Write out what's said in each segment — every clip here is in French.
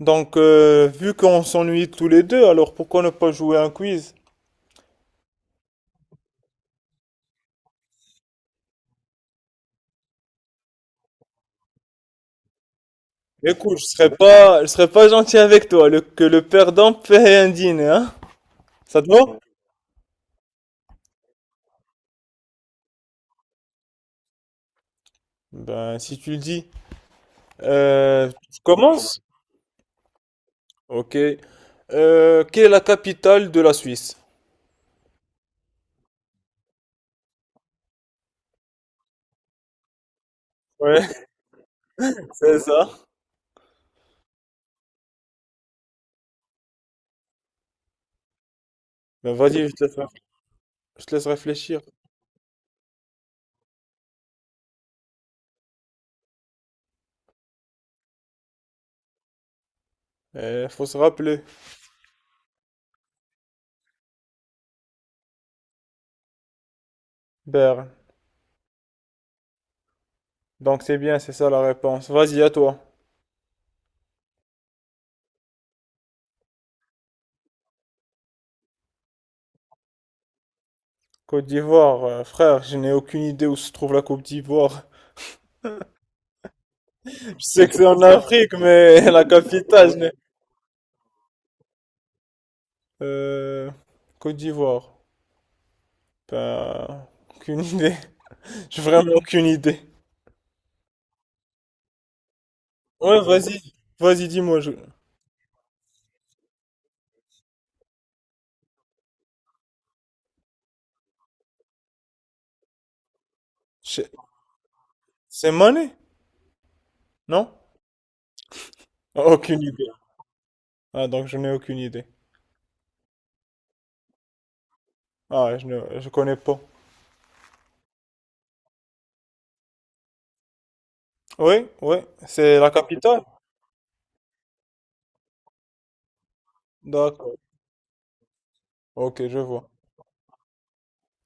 Vu qu'on s'ennuie tous les deux, alors pourquoi ne pas jouer à un quiz? Écoute, je serais pas gentil avec toi, que le perdant paie un dîner, hein? Ça te va? Ben, si tu le dis. Tu commences? Ok. Quelle est la capitale de la Suisse? Ouais, c'est ça. Ben, vas-y, je te laisse réfléchir. Il faut se rappeler. Berne. Donc c'est bien, c'est ça la réponse. Vas-y, à toi. Côte d'Ivoire, frère, je n'ai aucune idée où se trouve la Côte d'Ivoire. Je sais que c'est en Afrique, mais la capitale, je n'ai- Euh, Côte d'Ivoire. Ben, aucune idée. J'ai vraiment aucune idée. Ouais, vas-y. Vas-y, dis-moi. je- C'est Mané? Non? Ah, aucune idée. Ah, donc je n'ai aucune idée. Ah, je ne je connais pas. Oui, oui, c'est la capitale. D'accord. Ok, je vois.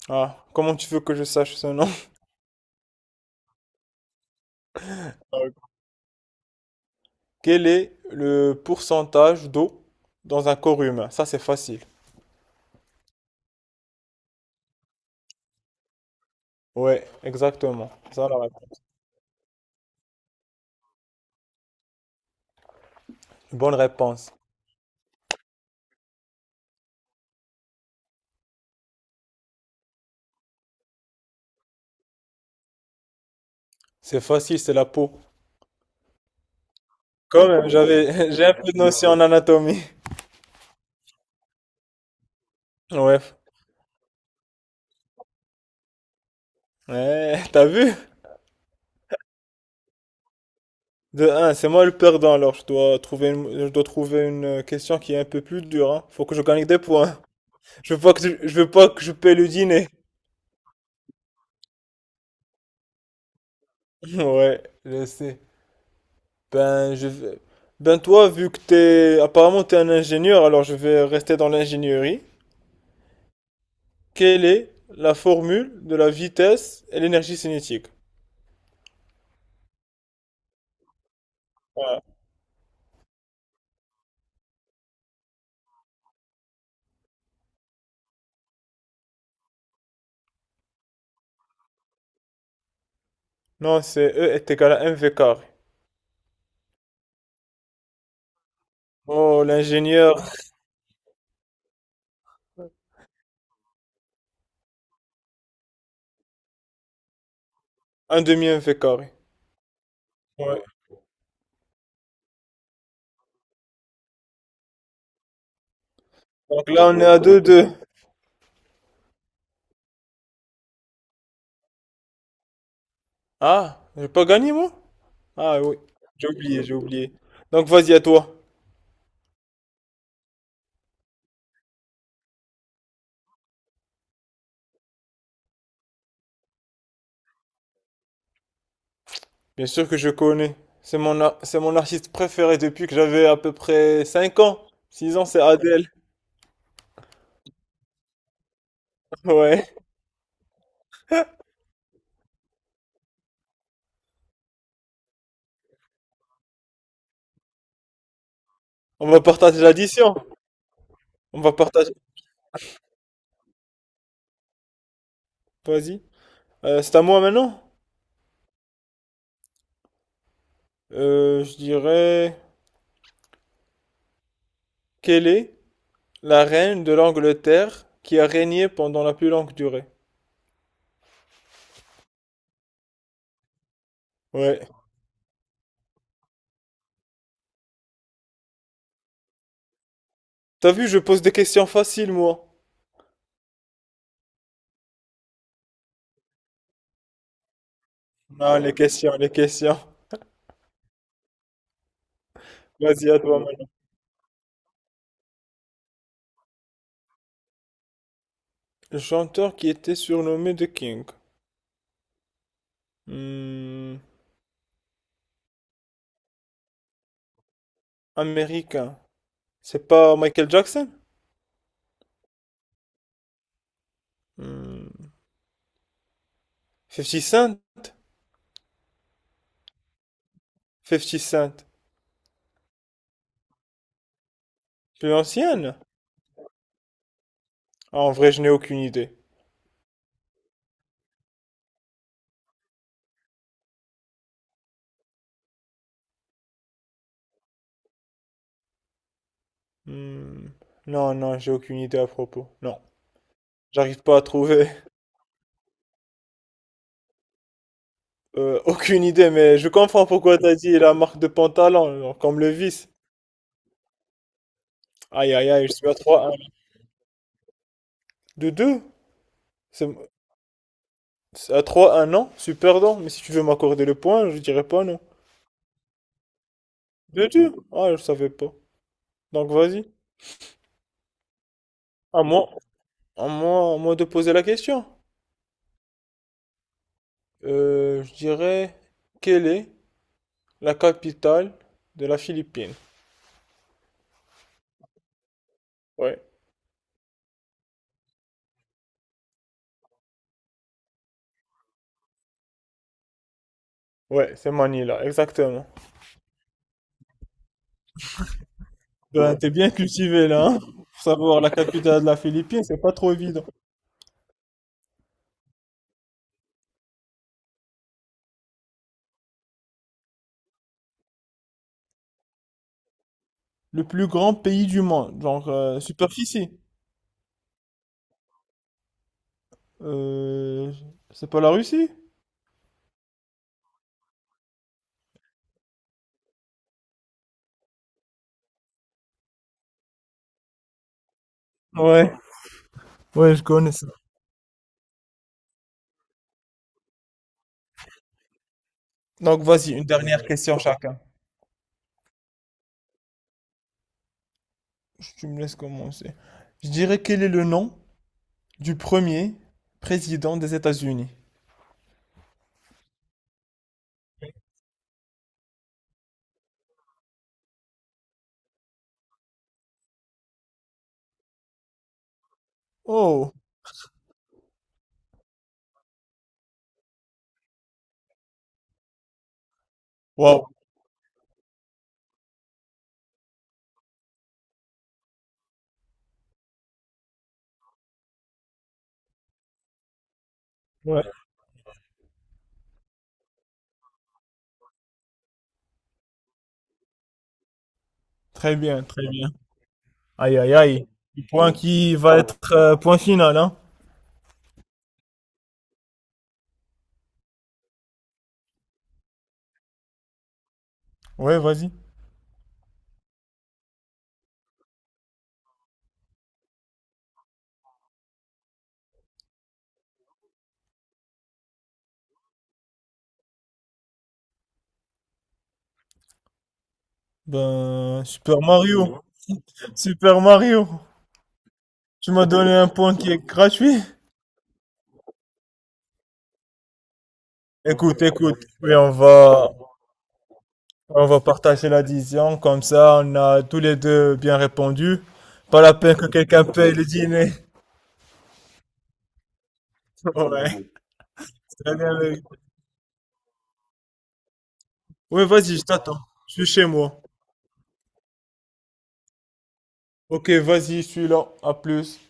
Ah, comment tu veux que je sache ce nom? Ah, ok. Quel est le pourcentage d'eau dans un corps humain? Ça, c'est facile. Ouais, exactement. Ça, là. Bonne réponse. C'est facile, c'est la peau. Quand même, j'avais, j'ai un peu de notion en anatomie. Ouais. Ouais, t'as vu? De un, c'est moi le perdant, alors je dois je dois trouver une question qui est un peu plus dure, hein. Faut que je gagne des points. Je veux pas que je veux pas que je paie le dîner. Ouais, je sais. Ben, je vais- Ben toi, vu que t'es, apparemment t'es un ingénieur, alors je vais rester dans l'ingénierie. Quelle est la formule de la vitesse et l'énergie cinétique? Non, c'est E est égal à mv carré. Oh, l'ingénieur, un demi mv carré. Ouais. Donc là, on est à deux deux. Ah, j'ai pas gagné, moi? Ah oui, j'ai oublié. Donc vas-y, à toi. Bien sûr que je connais. C'est mon artiste préféré depuis que j'avais à peu près 5 ans. 6 ans, c'est Adèle. Ouais. On va partager l'addition. On va partager. Vas-y. C'est à moi maintenant. Je dirais... Quelle est la reine de l'Angleterre qui a régné pendant la plus longue durée? Ouais. T'as vu, je pose des questions faciles, moi. Non, les questions, les questions. Vas-y, à toi maintenant. Le chanteur qui était surnommé The King. Hmm, américain. C'est pas Michael Jackson? Hmm, 50 Cent? 50 Cent. Plus ancienne? Ah, en vrai, je n'ai aucune idée. Hmm, non, non, j'ai aucune idée à propos. Non, j'arrive pas à trouver. Aucune idée, mais je comprends pourquoi t'as dit la marque de pantalon, genre, comme le vice. Aïe, aïe, aïe, je suis à 3-1. De 2? À 3, un an, c'est perdant. Mais si tu veux m'accorder le point, je dirais pas non. Bien sûr. Ah, je savais pas. Donc vas-y. À moi, à moi de poser la question. Je dirais, quelle est la capitale de la Philippine? Ouais. Ouais, c'est Manila, exactement. Ben, t'es bien cultivé là, hein? Pour savoir la capitale de la Philippine, c'est pas trop évident. Le plus grand pays du monde, superficie. Euh, c'est pas la Russie? Ouais, ouais, je connais. Donc voici une dernière question chacun. Tu me laisses commencer. Je dirais quel est le nom du premier président des États-Unis? Oh, wow. Ouais, très bien, très bien. Aïe, aïe, aïe. Le point qui va être point final, hein? Ouais, vas-y. Ben, Super Mario. Super Mario. Tu m'as donné un point qui est gratuit. Écoute, écoute. On va partager l'addition. Comme ça, on a tous les deux bien répondu. Pas la peine que quelqu'un paye le dîner. Ouais, très bien. Loïc. Oui, vas-y, je t'attends. Je suis chez moi. Ok, vas-y, je suis là. À plus.